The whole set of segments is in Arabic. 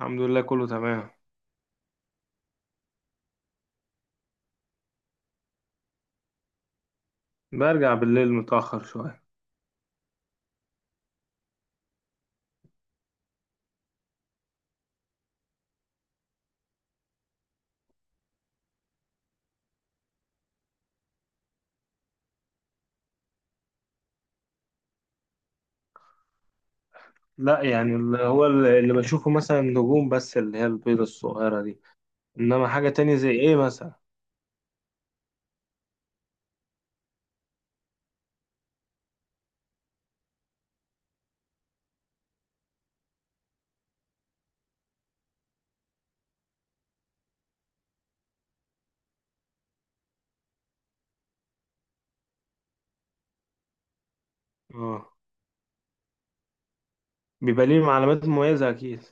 الحمد لله، كله تمام. برجع بالليل متأخر شوية. لا، يعني اللي هو اللي بشوفه مثلا نجوم، بس اللي هي البيضة الصغيرة دي. إنما حاجة تانية زي إيه مثلا؟ اه، بيبقى ليه علامات مميزة أكيد.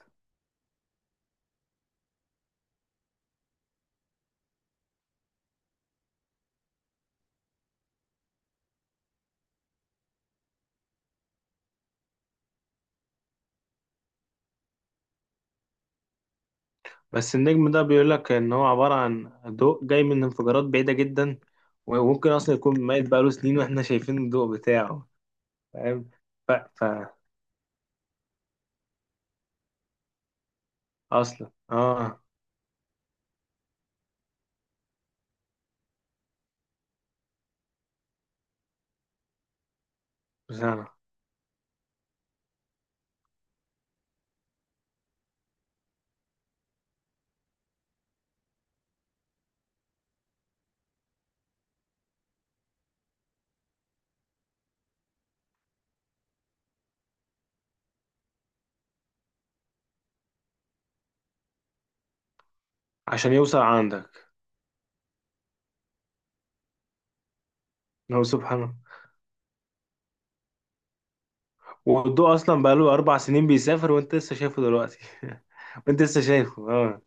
بس النجم ده بيقول لك إن هو عبارة عن ضوء جاي من انفجارات بعيدة جدا، وممكن أصلا يكون ميت بقاله سنين وإحنا شايفين الضوء بتاعه. فاهم. ف... ف... أصلا اه. بس أنا، عشان يوصل عندك. هو سبحانه، والضوء اصلا بقاله 4 سنين بيسافر وانت لسه شايفه دلوقتي. وانت لسه شايفه، اه.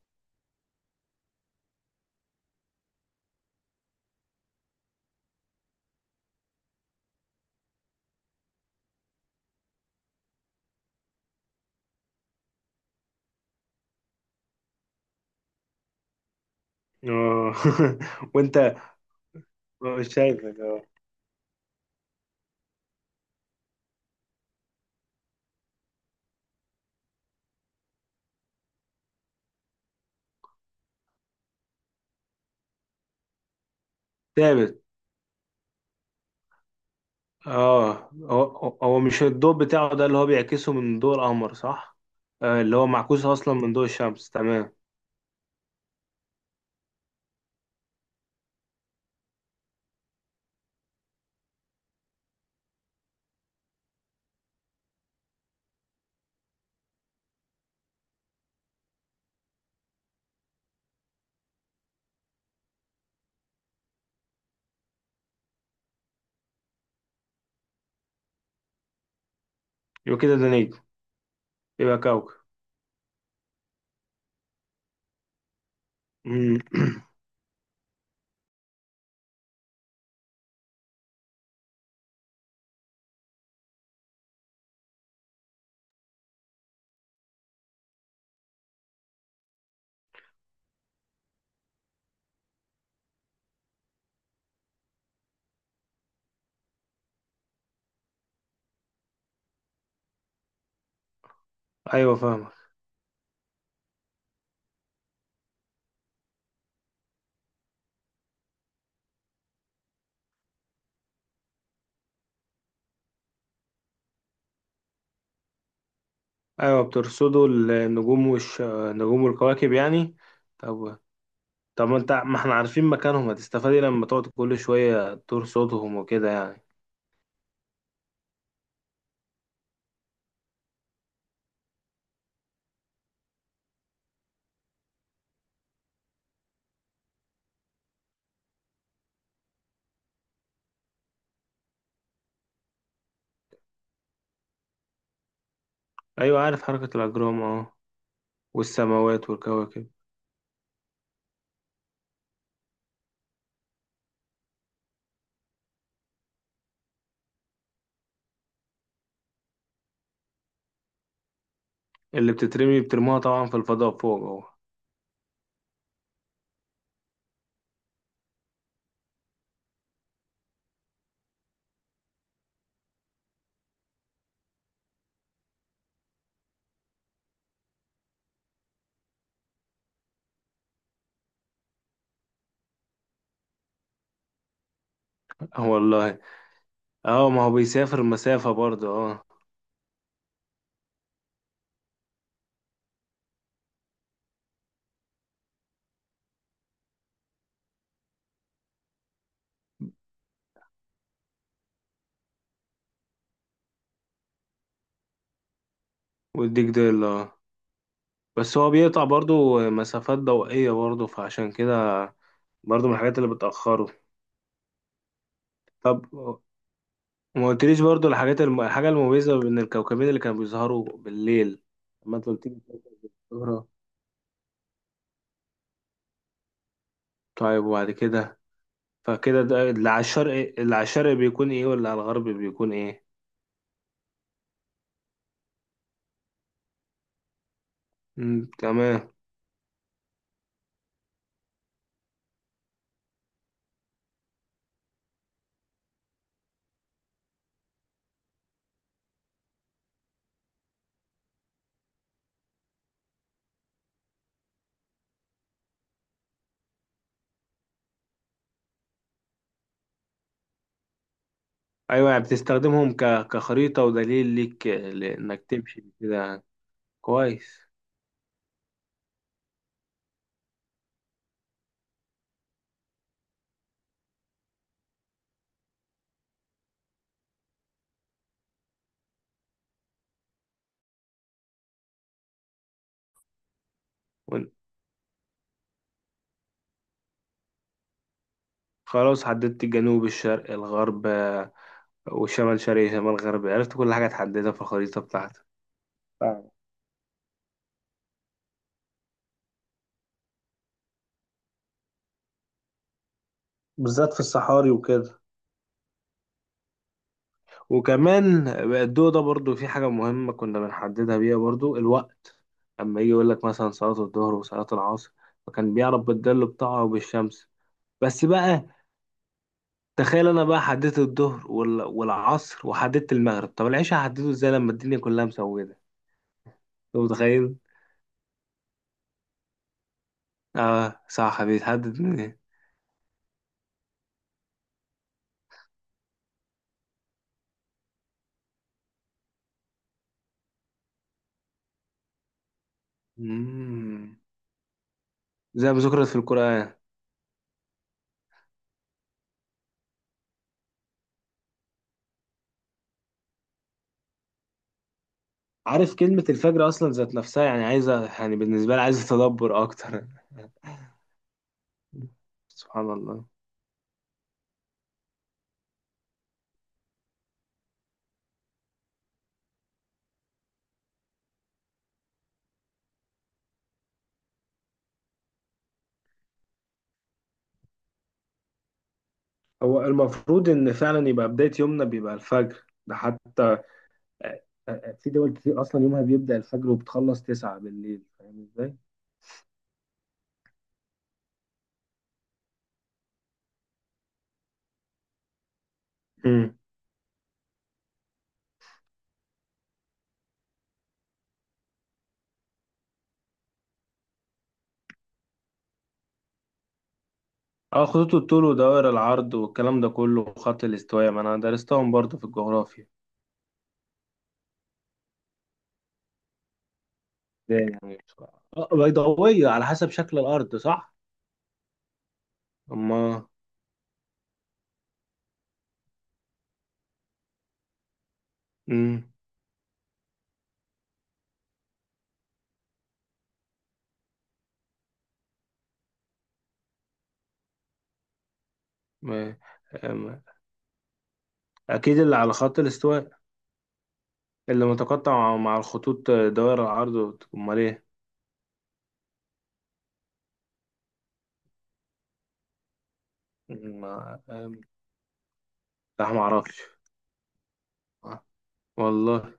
اه. وانت مش شايفك، اه. ثابت. اه، هو مش الضوء بتاعه ده اللي هو بيعكسه من ضوء القمر، صح؟ آه، اللي هو معكوس اصلا من ضوء الشمس، تمام. يبقى كده ده نجم. يبقى كوكب. مم. ايوه، فاهمك. ايوه، بترصدوا النجوم والكواكب يعني. طب طب، ما احنا عارفين مكانهم، هتستفاد إيه لما تقعد كل شويه ترصدهم وكده يعني؟ ايوه، عارف حركة الاجرام، اه. والسماوات والكواكب. اللي بترموها طبعا في الفضاء فوق، اه. آه، والله. اه، ما هو بيسافر مسافة برضه، اه. والديك ديل، اه. بس هو بيقطع برضه مسافات ضوئية برضه، فعشان كده برضه من الحاجات اللي بتأخره. طب، ما قلتليش برضه الحاجات الحاجة المميزة بين الكوكبين اللي كانوا بيظهروا بالليل. لما انت قلت لي كوكب الزهرة. طيب، وبعد كده؟ فكده ده اللي على الشرق بيكون ايه، واللي على الغرب بيكون ايه؟ مم، تمام. ايوه، يعني بتستخدمهم كخريطة ودليل ليك لانك تمشي كده. كويس. وإن- خلاص، حددت الجنوب، الشرق، الغرب، والشمال شرقي، شمال غربي. عرفت كل حاجة تحددها في الخريطة بتاعتك. فاهم. بالذات في الصحاري وكده. وكمان بقى الضوء ده برضو في حاجة مهمة كنا بنحددها بيها برضو، الوقت. أما يجي يقول لك مثلا صلاة الظهر وصلاة العصر، فكان بيعرف بالظل بتاعه وبالشمس. بس بقى، تخيل انا بقى حددت الظهر والعصر وحددت المغرب، طب العشاء هحدده ازاي لما الدنيا كلها مسودة؟ انت متخيل. اه، صح، بيتحدد من ايه؟ مم. زي ما ذكرت في القرآن. عارف كلمة الفجر أصلا ذات نفسها، يعني عايزة، يعني بالنسبة لي عايزة تدبر أكتر. سبحان الله. هو المفروض إن فعلا يبقى بداية يومنا بيبقى الفجر ده حتى. في دول كتير أصلا يومها بيبدأ الفجر وبتخلص 9 بالليل، فاهم إزاي؟ اه، خطوط الطول ودوائر العرض والكلام ده كله وخط الاستواء، ما انا درستهم برضه في الجغرافيا. ده يعني بيضاوية على حسب شكل الارض، صح؟ اما امم ما- أما- اكيد اللي على خط الاستواء، اللي متقطع مع الخطوط، دوائر العرض، امال ايه؟ أمم، ما أم، لا، ما اعرفش، والله.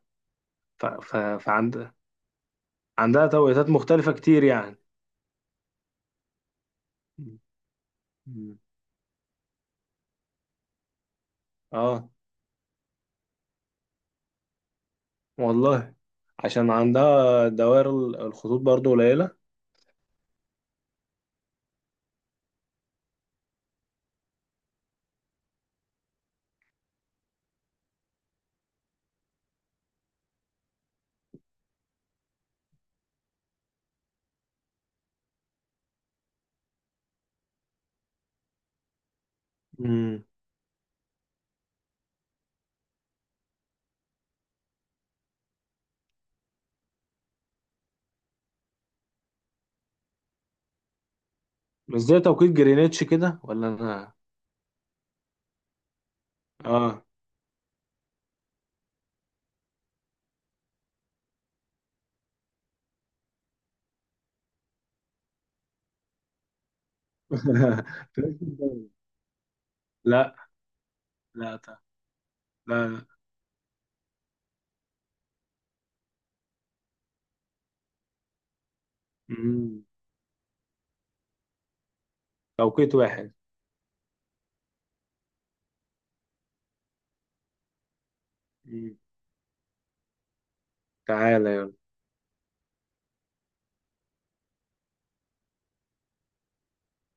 ف... ف... فعند عندها توقيتات مختلفة كتير يعني. مم. اه، والله، عشان عندها دوائر، الخطوط برضو قليلة. امم مش زي توقيت جرينتش كده، ولا انا؟ اه. لا لا لا لا لا. مم. توقيت واحد. مم. تعالى.